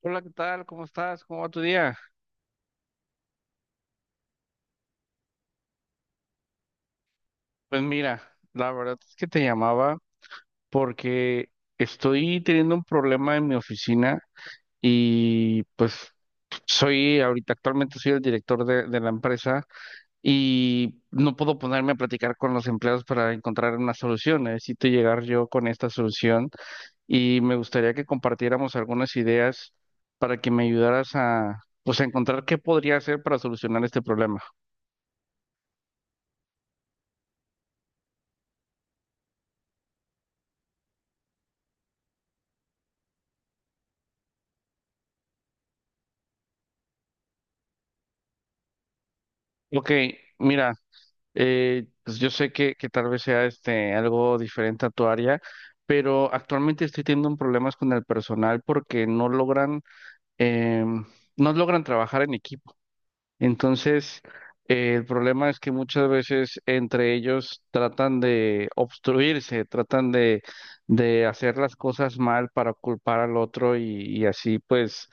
Hola, ¿qué tal? ¿Cómo estás? ¿Cómo va tu día? Pues mira, la verdad es que te llamaba porque estoy teniendo un problema en mi oficina y pues soy ahorita actualmente soy el director de la empresa y no puedo ponerme a platicar con los empleados para encontrar una solución. Necesito llegar yo con esta solución y me gustaría que compartiéramos algunas ideas para que me ayudaras a, pues, a encontrar qué podría hacer para solucionar este problema. Ok, mira. Pues yo sé que tal vez sea este algo diferente a tu área, pero actualmente estoy teniendo un problemas con el personal porque no logran, em, no logran trabajar en equipo. Entonces, el problema es que muchas veces entre ellos tratan de obstruirse, tratan de hacer las cosas mal para culpar al otro y así pues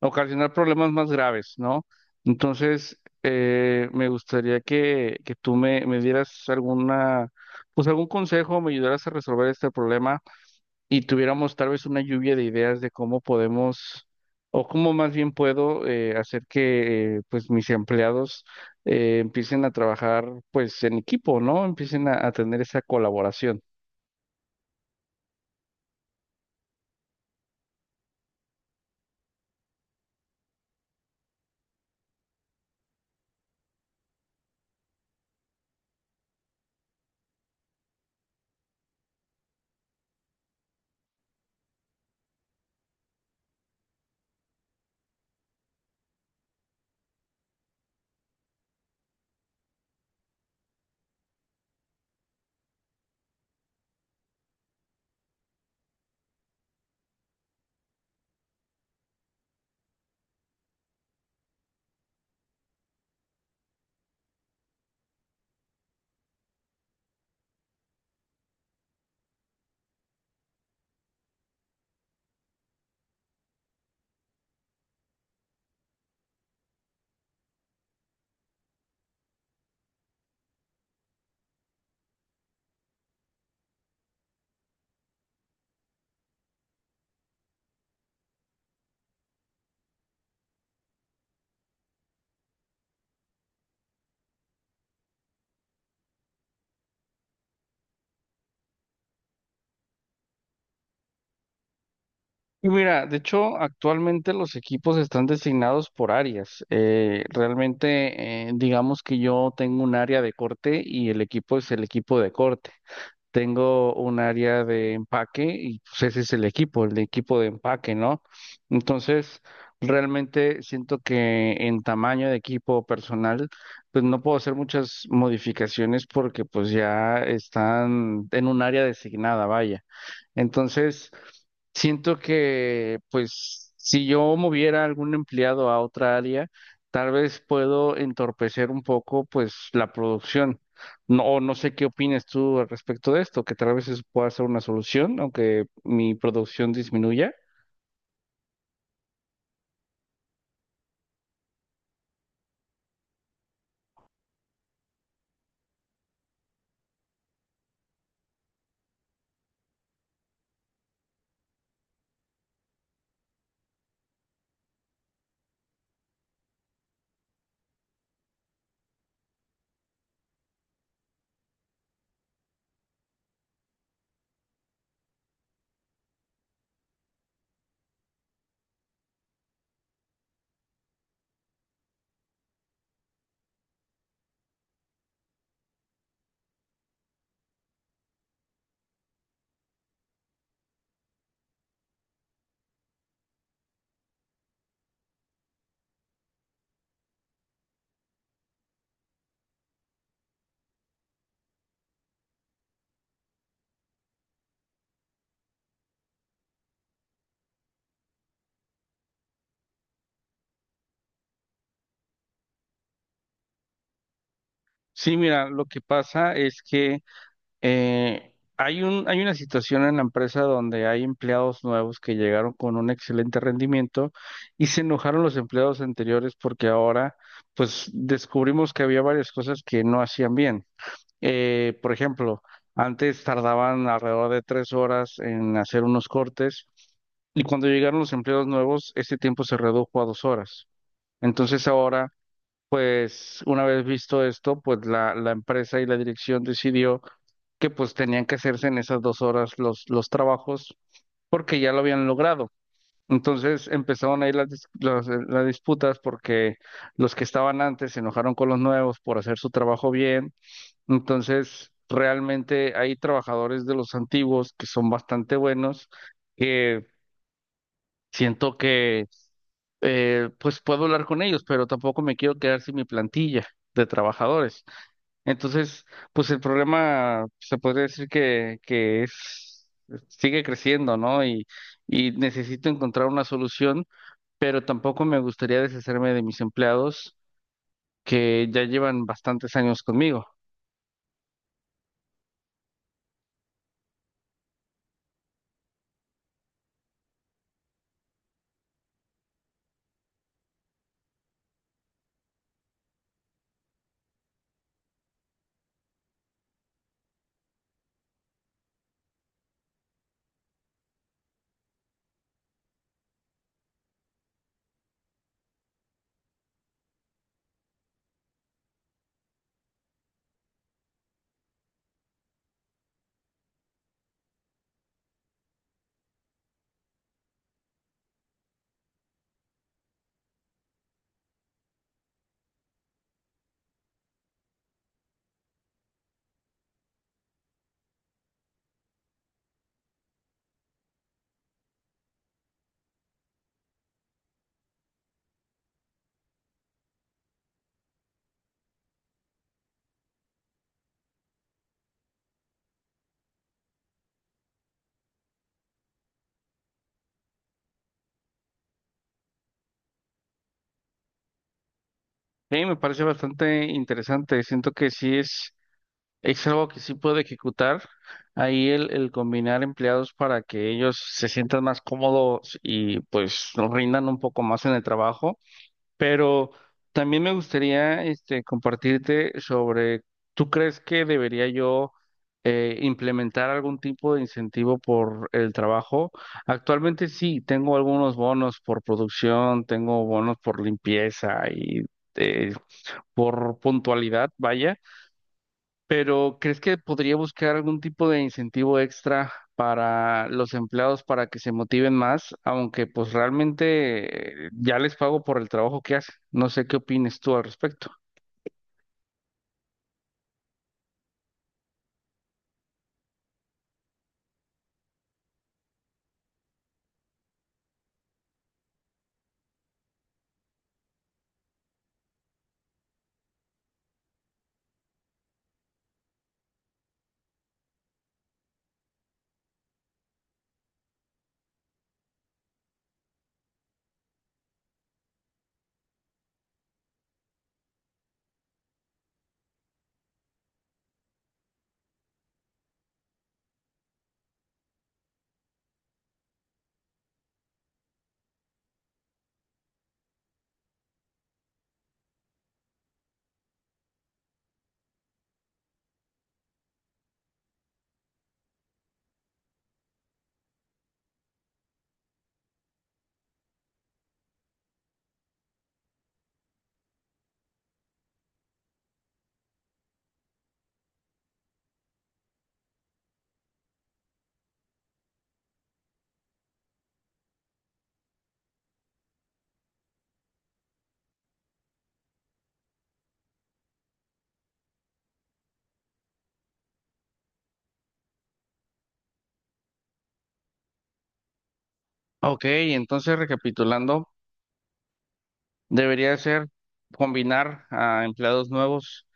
ocasionar problemas más graves, ¿no? Entonces, me gustaría que tú me dieras alguna, pues algún consejo, me ayudaras a resolver este problema y tuviéramos tal vez una lluvia de ideas de cómo podemos, o cómo más bien puedo hacer que pues mis empleados empiecen a trabajar pues en equipo, ¿no? Empiecen a tener esa colaboración. Y mira, de hecho, actualmente los equipos están designados por áreas. Realmente, digamos que yo tengo un área de corte y el equipo es el equipo de corte. Tengo un área de empaque y pues ese es el equipo, el de equipo de empaque, ¿no? Entonces, realmente siento que en tamaño de equipo personal, pues no puedo hacer muchas modificaciones porque pues ya están en un área designada, vaya. Entonces, siento que, pues, si yo moviera algún empleado a otra área, tal vez puedo entorpecer un poco, pues, la producción. No, o no sé qué opinas tú al respecto de esto, que tal vez eso pueda ser una solución, aunque mi producción disminuya. Sí, mira, lo que pasa es que hay un, hay una situación en la empresa donde hay empleados nuevos que llegaron con un excelente rendimiento y se enojaron los empleados anteriores porque ahora, pues, descubrimos que había varias cosas que no hacían bien. Por ejemplo, antes tardaban alrededor de 3 horas en hacer unos cortes. Y cuando llegaron los empleados nuevos, ese tiempo se redujo a 2 horas. Entonces ahora, pues, una vez visto esto, pues la empresa y la dirección decidió que pues tenían que hacerse en esas 2 horas los trabajos porque ya lo habían logrado. Entonces empezaron ahí las, las disputas porque los que estaban antes se enojaron con los nuevos por hacer su trabajo bien. Entonces realmente hay trabajadores de los antiguos que son bastante buenos, que siento que pues puedo hablar con ellos, pero tampoco me quiero quedar sin mi plantilla de trabajadores. Entonces, pues el problema pues, se podría decir que es, sigue creciendo, ¿no? Y necesito encontrar una solución, pero tampoco me gustaría deshacerme de mis empleados que ya llevan bastantes años conmigo. A mí me parece bastante interesante, siento que sí es algo que sí puedo ejecutar. Ahí el combinar empleados para que ellos se sientan más cómodos y pues nos rindan un poco más en el trabajo. Pero también me gustaría este, compartirte sobre, ¿tú crees que debería yo implementar algún tipo de incentivo por el trabajo? Actualmente sí, tengo algunos bonos por producción, tengo bonos por limpieza y eh, por puntualidad, vaya. Pero ¿crees que podría buscar algún tipo de incentivo extra para los empleados para que se motiven más? Aunque pues realmente ya les pago por el trabajo que hacen. No sé qué opines tú al respecto. Ok, entonces recapitulando, debería ser combinar a empleados nuevos,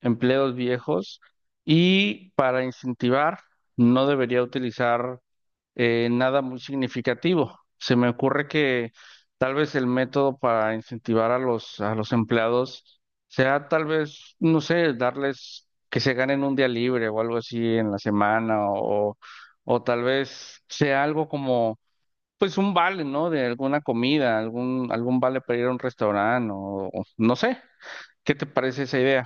empleos viejos y para incentivar no debería utilizar nada muy significativo. Se me ocurre que tal vez el método para incentivar a los empleados sea tal vez, no sé, darles que se ganen un día libre o algo así en la semana o tal vez sea algo como, pues un vale, ¿no? De alguna comida, algún vale para ir a un restaurante o no sé. ¿Qué te parece esa idea?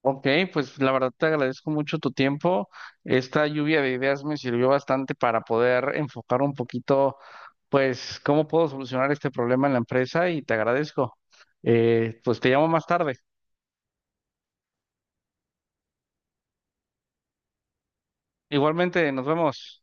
Ok, pues la verdad te agradezco mucho tu tiempo. Esta lluvia de ideas me sirvió bastante para poder enfocar un poquito, pues, cómo puedo solucionar este problema en la empresa y te agradezco. Pues te llamo más tarde. Igualmente, nos vemos.